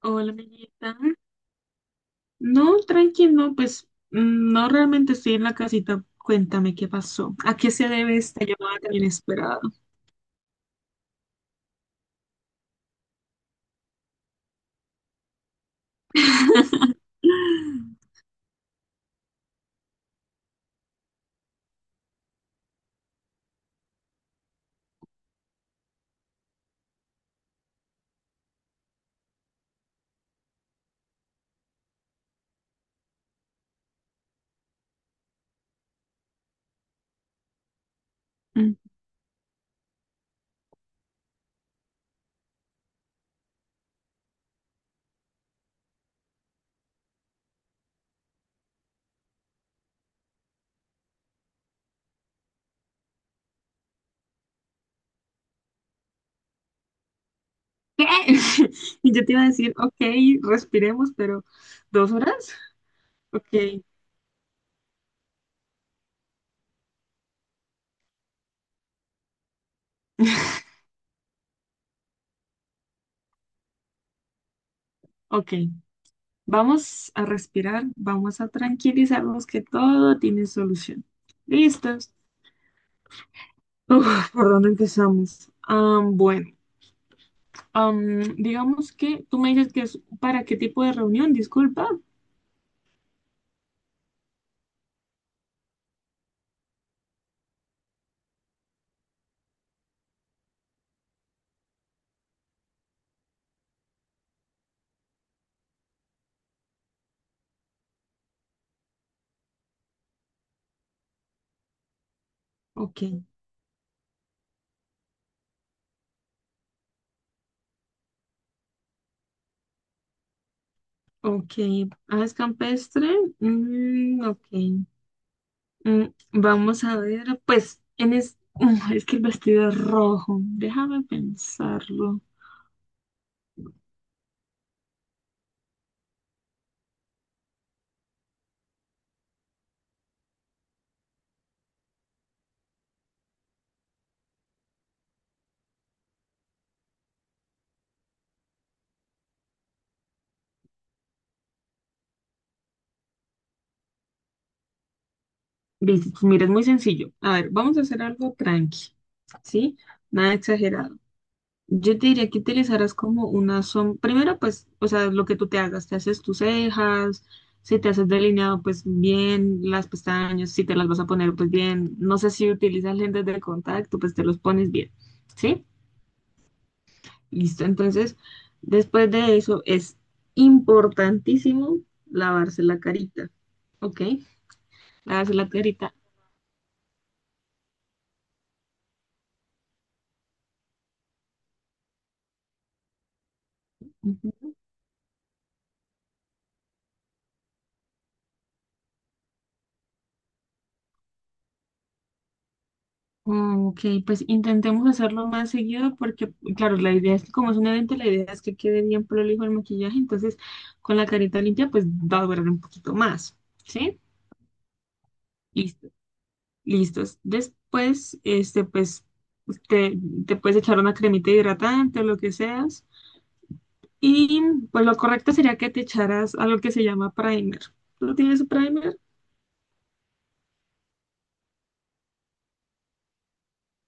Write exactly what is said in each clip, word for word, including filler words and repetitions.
Hola, amiguita. No, tranqui, no, pues mm, no realmente estoy en la casita. Cuéntame qué pasó. ¿A qué se debe esta llamada tan inesperada? Mm, ¿Qué? Y yo te iba a decir, ok, respiremos, pero ¿dos horas? Ok, ok. Vamos a respirar, vamos a tranquilizarnos que todo tiene solución. ¿Listos? Uf, ¿por dónde empezamos? Am, bueno, am, digamos que tú me dices que es para qué tipo de reunión, disculpa. Ok, ok. Aves campestre. mm, ok. Mm, vamos a ver, pues, en es, Mm, es que el vestido es rojo. Déjame pensarlo. Listo, mira, es muy sencillo. A ver, vamos a hacer algo tranqui, ¿sí? Nada exagerado. Yo te diría que utilizaras como una sombra. Primero, pues, o sea, lo que tú te hagas, te haces tus cejas, si te haces delineado, pues bien, las pestañas, si te las vas a poner, pues bien. No sé si utilizas lentes de contacto, pues te los pones bien. ¿Sí? Listo. Entonces, después de eso, es importantísimo lavarse la carita. ¿Ok? Lavarse la carita. Ok, pues intentemos hacerlo más seguido porque, claro, la idea es que como es un evento, la idea es que quede bien prolijo el maquillaje, entonces con la carita limpia pues va a durar un poquito más, ¿sí? Listo, listos. Después, este, pues te, te puedes echar una cremita hidratante o lo que seas. Y pues lo correcto sería que te echaras algo que se llama primer. ¿Tú tienes primer?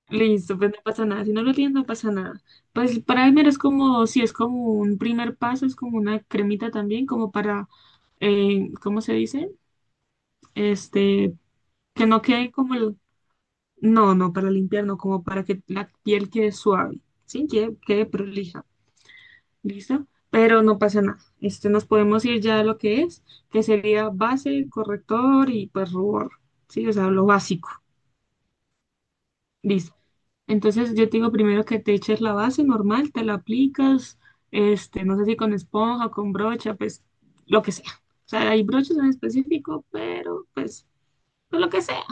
Listo, pues no pasa nada. Si no lo tienes, no pasa nada. Pues primer es como, si es como un primer paso, es como una cremita también, como para, eh, ¿cómo se dice? Este, que no quede como el, no, no, para limpiar, no, como para que la piel quede suave, ¿sí? Que quede prolija, ¿listo? Pero no pasa nada. Este, nos podemos ir ya a lo que es, que sería base, corrector y pues rubor, ¿sí? O sea, lo básico. Listo. Entonces yo te digo primero que te eches la base normal, te la aplicas, este, no sé si con esponja, con brocha, pues lo que sea. O sea, hay brochas en específico, pero pues, pues lo que sea.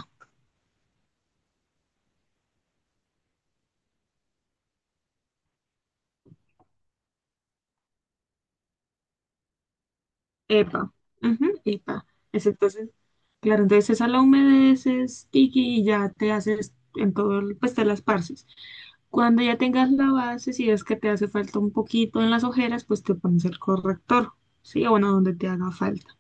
Epa, ujú, epa. Es entonces, claro, entonces esa la humedeces, tiki, y ya te haces en todo, el- pues te las parces. Cuando ya tengas la base, si es que te hace falta un poquito en las ojeras, pues te pones el corrector, ¿sí? O bueno, donde te haga falta.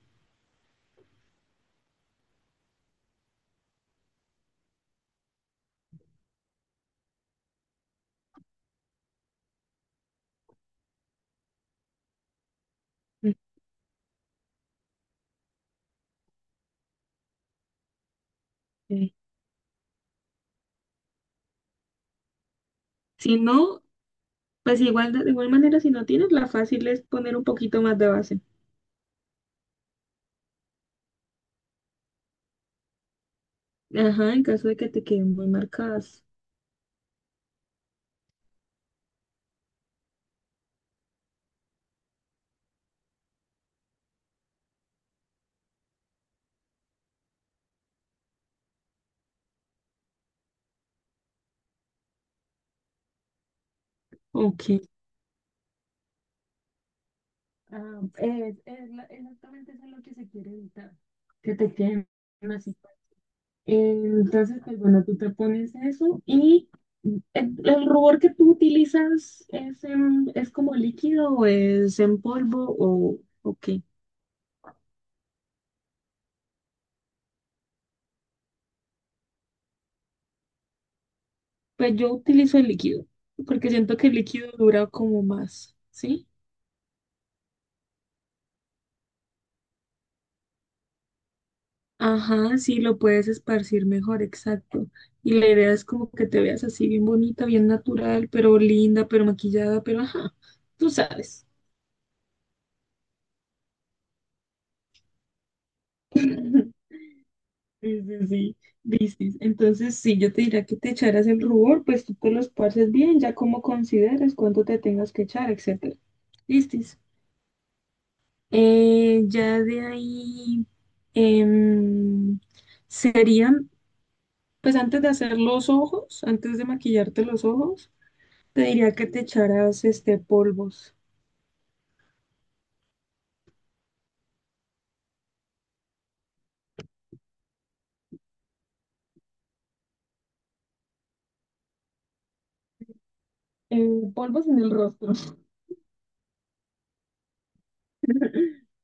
Ok. Si no, pues igual, de de igual manera, si no tienes, la fácil es poner un poquito más de base. Ajá, en caso de que te queden muy marcadas. Ok. Ah, es, es la- exactamente eso es lo que se quiere evitar, que te queden así. Entonces, pues bueno, tú te pones eso y el, el rubor que tú utilizas es, en- es como líquido o es en polvo o, o qué. Pues yo utilizo el líquido, porque siento que el líquido dura como más, ¿sí? Ajá, sí, lo puedes esparcir mejor, exacto. Y la idea es como que te veas así bien bonita, bien natural, pero linda, pero maquillada, pero ajá, tú sabes. Sí, sí, sí, dices. Entonces, sí, yo te diría que te echaras el rubor, pues tú te lo esparces bien, ya como consideres cuánto te tengas que echar, etcétera. Listis. Eh, ya de ahí em, serían, pues antes de hacer los ojos, antes de maquillarte los ojos, te diría que te echaras este polvos. Eh, polvos en el rostro.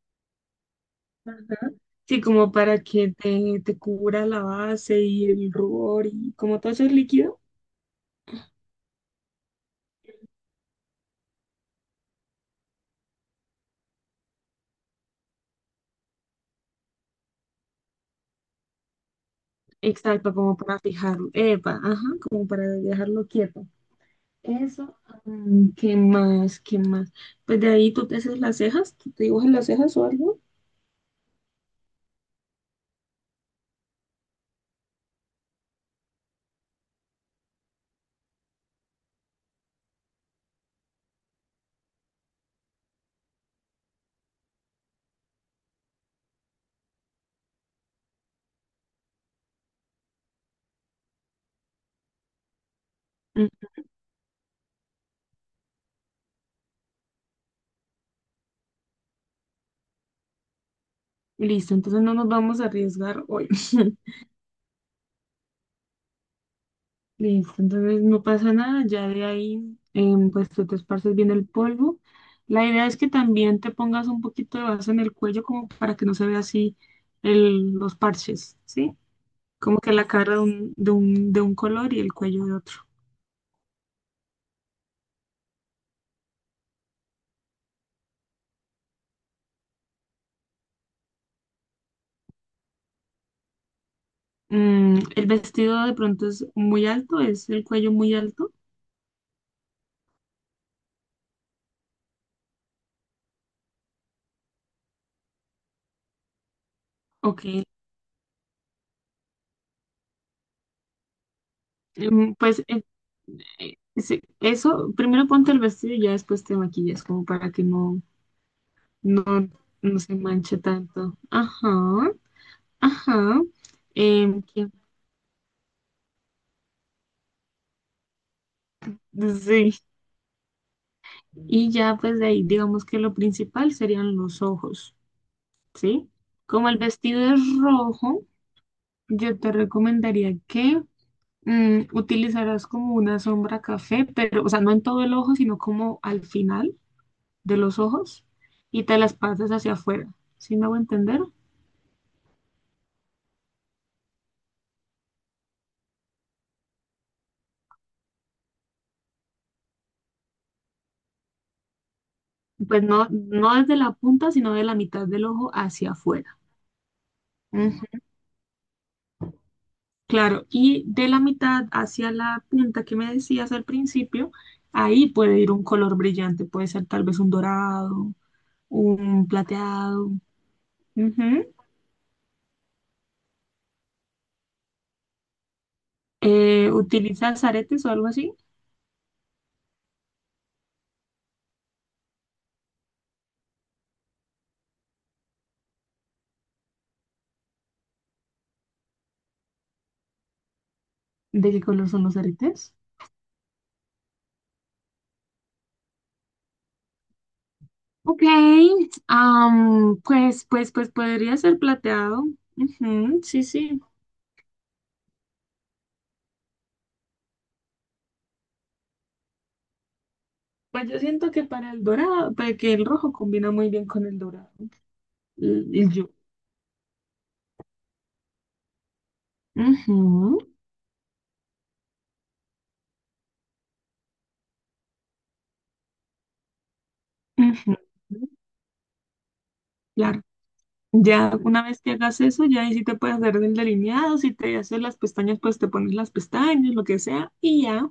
Ajá. Sí, como para que te, te cubra la base y el rubor y como todo eso es líquido. Exacto, como para fijarlo. Epa, ajá, como para dejarlo quieto. Eso, mm, ¿qué más? ¿Qué más? Pues de ahí tú te haces las cejas, tú te dibujas las cejas o algo. Mm. Listo, entonces no nos vamos a arriesgar hoy. Listo, entonces no pasa nada, ya de ahí em, pues tú te esparces bien el polvo. La idea es que también te pongas un poquito de base en el cuello como para que no se vea así el, los parches, ¿sí? Como que la cara de un, de un, de un color y el cuello de otro. Mm, el vestido de pronto es muy alto, es el cuello muy alto. Ok, em, pues eh, eh, sí, eso, primero ponte el vestido y ya después te maquillas como para que no, no, no se manche tanto. Ajá. Ajá, em, que- sí, y ya pues de ahí digamos que lo principal serían los ojos, ¿sí? Como el vestido es rojo, yo te recomendaría que mm, utilizaras como una sombra café, pero, o sea, no en todo el ojo, sino como al final de los ojos y te las pasas hacia afuera, ¿sí me hago entender? Pues no, no desde la punta, sino de la mitad del ojo hacia afuera. Claro, y de la mitad hacia la punta que me decías al principio, ahí puede ir un color brillante, puede ser tal vez un dorado, un plateado. Ujú. Eh, ¿utilizas aretes o algo así? ¿De qué color son los aretes? Ok, am, pues, pues, pues podría ser plateado. Ujú, sí, sí. Pues yo siento que para el dorado, para que el rojo combina muy bien con el dorado. Y y yo. Ujú, ujú, claro. Ya una vez que hagas eso, ya ahí sí te puedes hacer el delineado, si te haces las pestañas, pues te pones las pestañas, lo que sea, y ya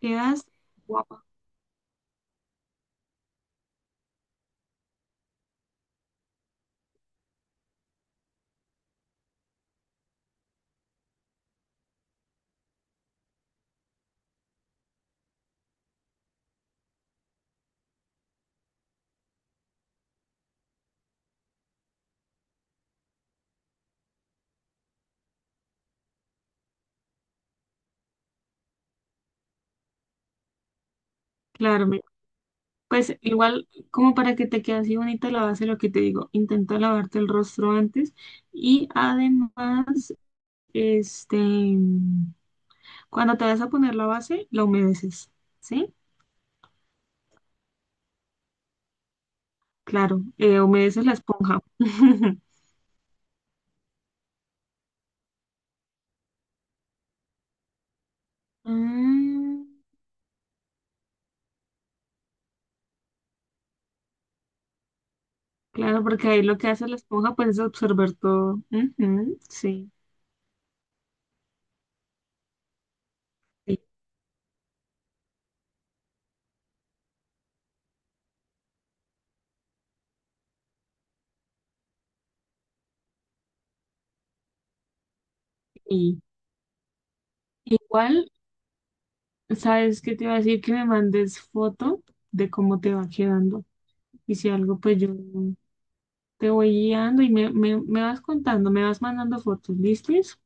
quedas guapa. Claro, mira, pues igual como para que te quede así bonita la base, lo que te digo, intenta lavarte el rostro antes y además, este, cuando te vas a poner la base, la humedeces, ¿sí? Claro, eh, humedeces la esponja. Mm. Claro, porque ahí lo que hace la esponja pues es absorber todo. Ujú, sí. Sí, sí. Igual, ¿sabes qué te iba a decir? Que me mandes foto de cómo te va quedando. Y si algo, pues yo te voy guiando y me, me, me vas contando, me vas mandando fotos. ¿Listis?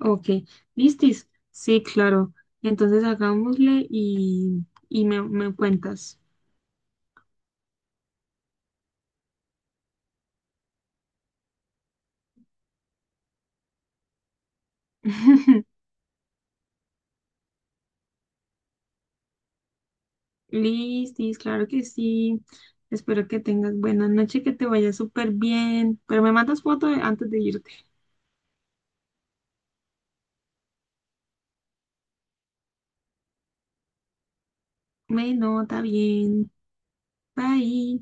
Ok. ¿Listis? Sí, claro. Entonces hagámosle y, y me, me cuentas. Listis, claro que sí. Espero que tengas buena noche, que te vaya súper bien. Pero me mandas foto de- antes de irte. Bueno, está bien. Bye.